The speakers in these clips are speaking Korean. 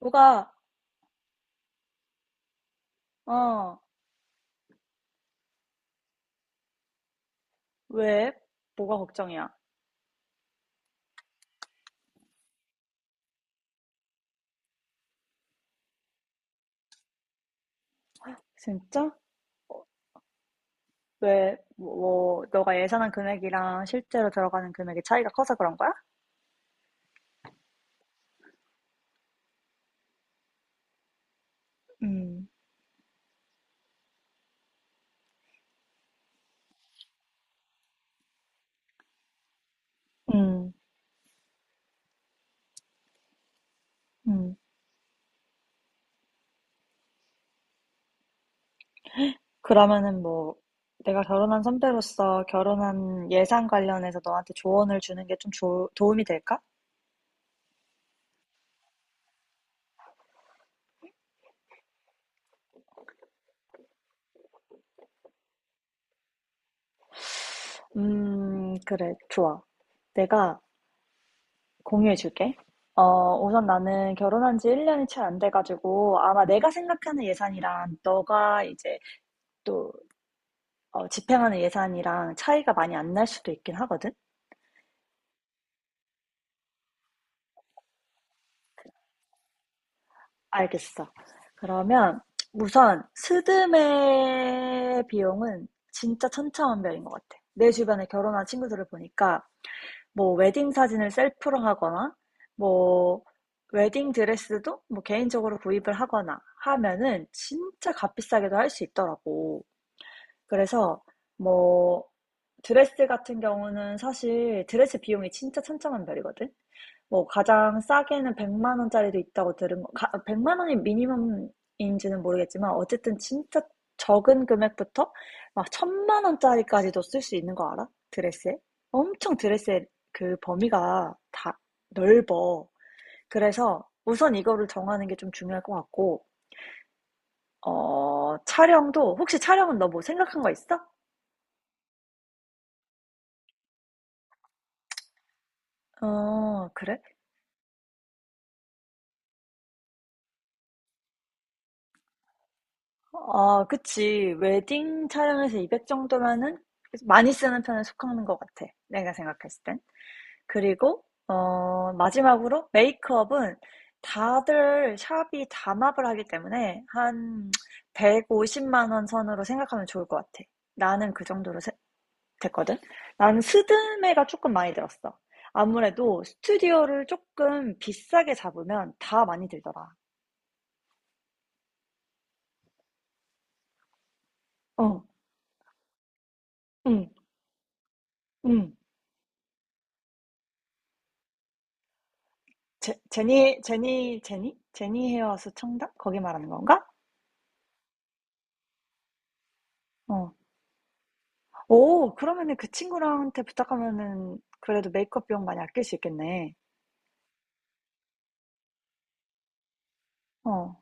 뭐가, 어, 왜? 뭐가 걱정이야? 진짜? 왜, 뭐, 너가 예상한 금액이랑 실제로 들어가는 금액의 차이가 커서 그런 거야? 음, 음, 음. 그러면은 뭐, 내가 결혼한 선배로서 결혼한 예산 관련해서 너한테 조언을 주는 게 좀 도움이 될까? 그래, 좋아. 내가 공유해 줄게. 우선 나는 결혼한 지 1년이 채 안 돼가지고, 아마 내가 생각하는 예산이랑 너가 이제 또 집행하는 예산이랑 차이가 많이 안 날 수도 있긴 하거든? 알겠어. 그러면 우선 스드메 비용은 진짜 천차만별인 것 같아. 내 주변에 결혼한 친구들을 보니까 뭐 웨딩 사진을 셀프로 하거나 뭐 웨딩 드레스도 뭐 개인적으로 구입을 하거나 하면은 진짜 값비싸게도 할 수 있더라고. 그래서 뭐 드레스 같은 경우는 사실 드레스 비용이 진짜 천차만별이거든. 뭐 가장 싸게는 100만 원짜리도 있다고 들은 거. 가, 100만 원이 미니멈인지는 모르겠지만 어쨌든 진짜 적은 금액부터 막 천만 원짜리까지도 쓸 수 있는 거 알아? 드레스에? 엄청 드레스의 그 범위가 다 넓어. 그래서 우선 이거를 정하는 게 좀 중요할 것 같고, 어, 촬영도, 혹시 촬영은 너 뭐 생각한 거 있어? 어, 그래? 아, 그치. 웨딩 촬영에서 200 정도면은 많이 쓰는 편에 속하는 것 같아. 내가 생각했을 땐. 그리고, 어, 마지막으로 메이크업은 다들 샵이 담합을 하기 때문에 한 150만 원 선으로 생각하면 좋을 것 같아. 나는 그 정도로 됐거든. 나는 스드메가 조금 많이 들었어. 아무래도 스튜디오를 조금 비싸게 잡으면 다 많이 들더라. 어, 응, 응. 제니? 제니 헤어스 청담? 거기 말하는 건가? 어. 오, 그러면은 그 친구랑한테 부탁하면은 그래도 메이크업 비용 많이 아낄 수 있겠네. 어.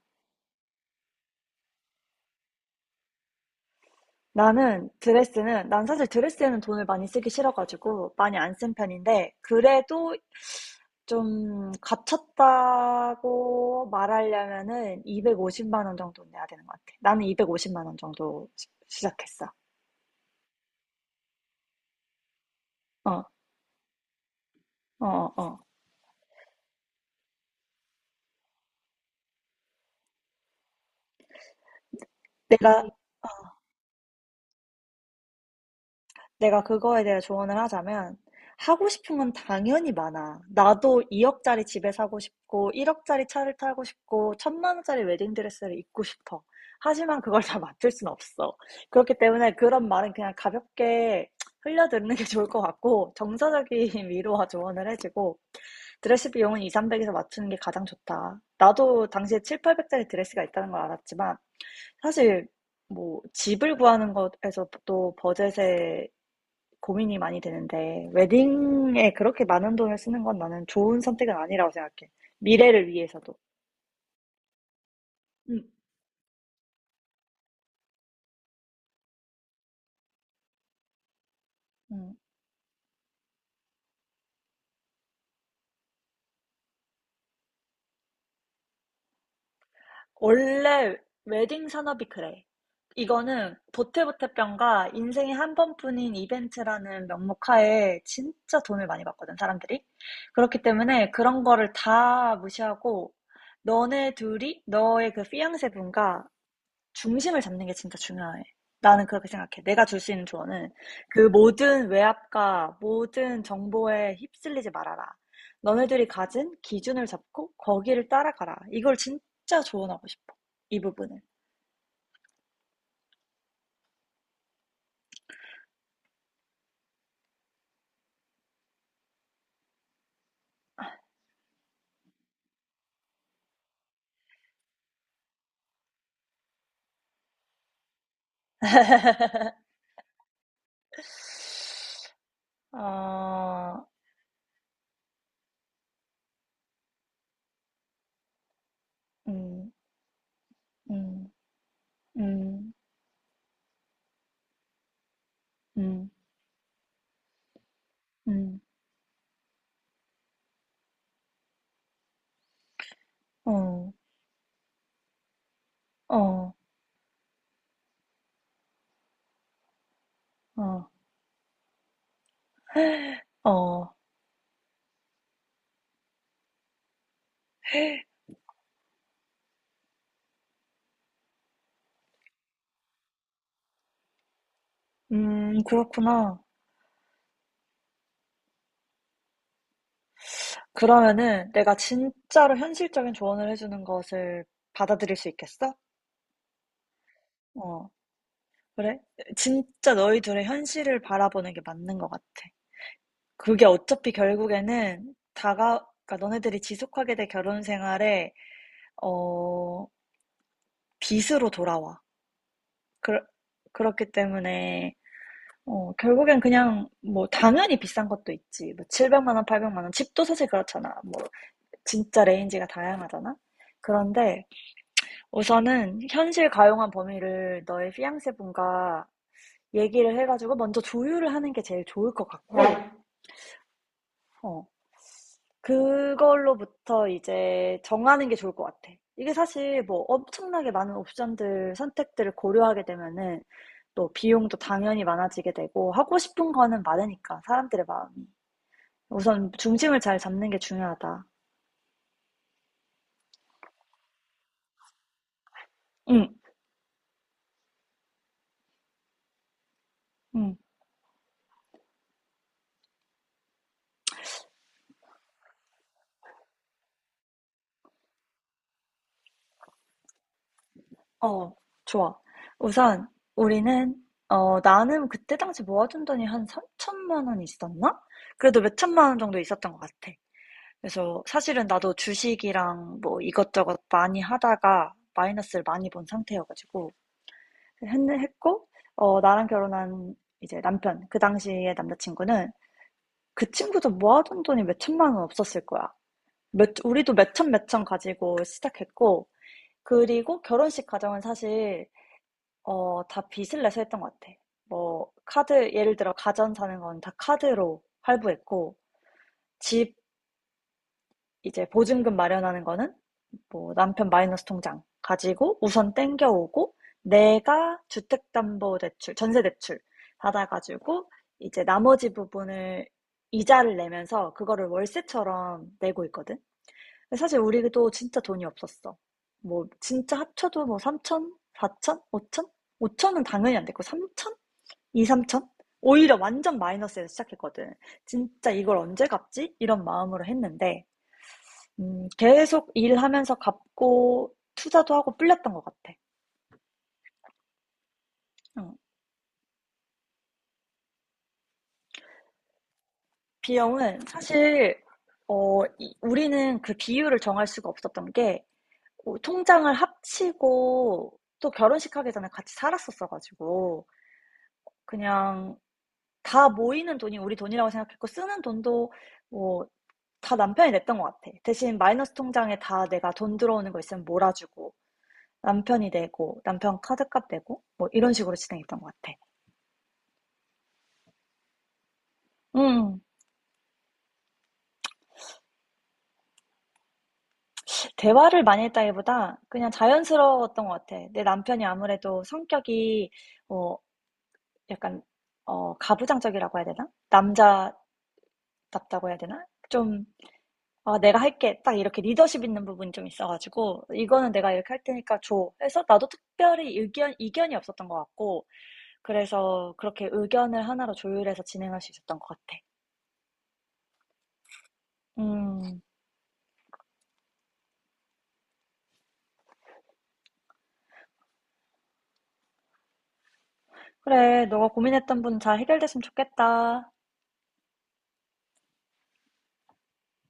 나는 드레스는, 난 사실 드레스에는 돈을 많이 쓰기 싫어가지고 많이 안 쓴 편인데, 그래도 좀 갇혔다고 말하려면은 250만 원 정도 내야 되는 것 같아. 나는 250만 원 정도 시작했어. 어, 어, 어. 어. 내가, 내가 그거에 대해 조언을 하자면 하고 싶은 건 당연히 많아. 나도 2억짜리 집에 사고 싶고 1억짜리 차를 타고 싶고 천만 원짜리 웨딩드레스를 입고 싶어. 하지만 그걸 다 맞출 순 없어. 그렇기 때문에 그런 말은 그냥 가볍게 흘려듣는 게 좋을 것 같고, 정서적인 위로와 조언을 해주고 드레스 비용은 2, 300에서 맞추는 게 가장 좋다. 나도 당시에 7, 800짜리 드레스가 있다는 걸 알았지만 사실 뭐 집을 구하는 것에서도 버젯에 고민이 많이 되는데 웨딩에 그렇게 많은 돈을 쓰는 건 나는 좋은 선택은 아니라고 생각해. 미래를 위해서도. 음, 음, 원래 웨딩 산업이 그래. 이거는 보태보태병과 인생에 한 번뿐인 이벤트라는 명목하에 진짜 돈을 많이 받거든, 사람들이. 그렇기 때문에 그런 거를 다 무시하고 너네 둘이 너의 그 피앙세 분과 중심을 잡는 게 진짜 중요해. 나는 그렇게 생각해. 내가 줄 수 있는 조언은 그 모든 외압과 모든 정보에 휩쓸리지 말아라. 너네들이 가진 기준을 잡고 거기를 따라가라. 이걸 진짜 조언하고 싶어. 이 부분을. 아, 음, 음, 음, 음, 어, 어, 어, 어, 그렇구나. 그러면은 내가 진짜로 현실적인 조언을 해주는 것을 받아들일 수 있겠어? 어. 그래? 진짜 너희 둘의 현실을 바라보는 게 맞는 것 같아. 그게 어차피 결국에는 다가, 그러니까 너네들이 지속하게 될 결혼 생활에, 어, 빚으로 돌아와. 그, 그렇기 때문에, 어, 결국엔 그냥, 뭐, 당연히 비싼 것도 있지. 뭐, 700만 원, 800만 원. 집도 사실 그렇잖아. 뭐, 진짜 레인지가 다양하잖아? 그런데 우선은 현실 가용한 범위를 너의 피앙세 분과 얘기를 해가지고 먼저 조율을 하는 게 제일 좋을 것 같고, 어, 그걸로부터 이제 정하는 게 좋을 것 같아. 이게 사실 뭐 엄청나게 많은 옵션들, 선택들을 고려하게 되면은 또 비용도 당연히 많아지게 되고 하고 싶은 거는 많으니까 사람들의 마음이. 우선 중심을 잘 잡는 게 중요하다. 응, 응, 어, 좋아. 우선 우리는 어, 나는 그때 당시 모아둔 돈이 한 3천만 원 있었나? 그래도 몇 천만 원 정도 있었던 것 같아. 그래서 사실은 나도 주식이랑 뭐 이것저것 많이 하다가 마이너스를 많이 본 상태여가지고 했고 어, 나랑 결혼한 이제 남편, 그 당시의 남자친구는 그 친구도 모아둔 돈이 몇 천만 원 없었을 거야. 몇, 우리도 몇 천 몇 천 가지고 시작했고 그리고 결혼식 과정은 사실 어, 다 빚을 내서 했던 것 같아. 뭐 카드, 예를 들어 가전 사는 건 다 카드로 할부했고 집 이제 보증금 마련하는 거는 뭐 남편 마이너스 통장 가지고 우선 땡겨오고 내가 주택담보대출, 전세대출 받아가지고 이제 나머지 부분을 이자를 내면서 그거를 월세처럼 내고 있거든. 사실 우리도 진짜 돈이 없었어. 뭐 진짜 합쳐도 뭐 3천, 4천, 5천? 5천은 당연히 안 됐고 3천? 2, 3천? 오히려 완전 마이너스에서 시작했거든. 진짜 이걸 언제 갚지? 이런 마음으로 했는데 계속 일하면서 갚고 투자도 하고 불렸던 것 같아. 응. 비용은 사실 어 이 우리는 그 비율을 정할 수가 없었던 게 어 통장을 합치고 또 결혼식 하기 전에 같이 살았었어 가지고 그냥 다 모이는 돈이 우리 돈이라고 생각했고 쓰는 돈도 뭐 다 남편이 냈던 것 같아. 대신 마이너스 통장에 다 내가 돈 들어오는 거 있으면 몰아주고 남편이 내고 남편 카드값 내고 뭐 이런 식으로 진행했던 것 같아. 음. 대화를 많이 했다기보다 그냥 자연스러웠던 것 같아. 내 남편이 아무래도 성격이 어 약간 어 가부장적이라고 해야 되나? 남자답다고 해야 되나? 좀 아, 내가 할게. 딱 이렇게 리더십 있는 부분이 좀 있어가지고, 이거는 내가 이렇게 할 테니까 줘. 해서 나도 특별히 이견이 없었던 것 같고, 그래서 그렇게 의견을 하나로 조율해서 진행할 수 있었던 것 같아. 음, 그래. 너가 고민했던 분 잘 해결됐으면 좋겠다.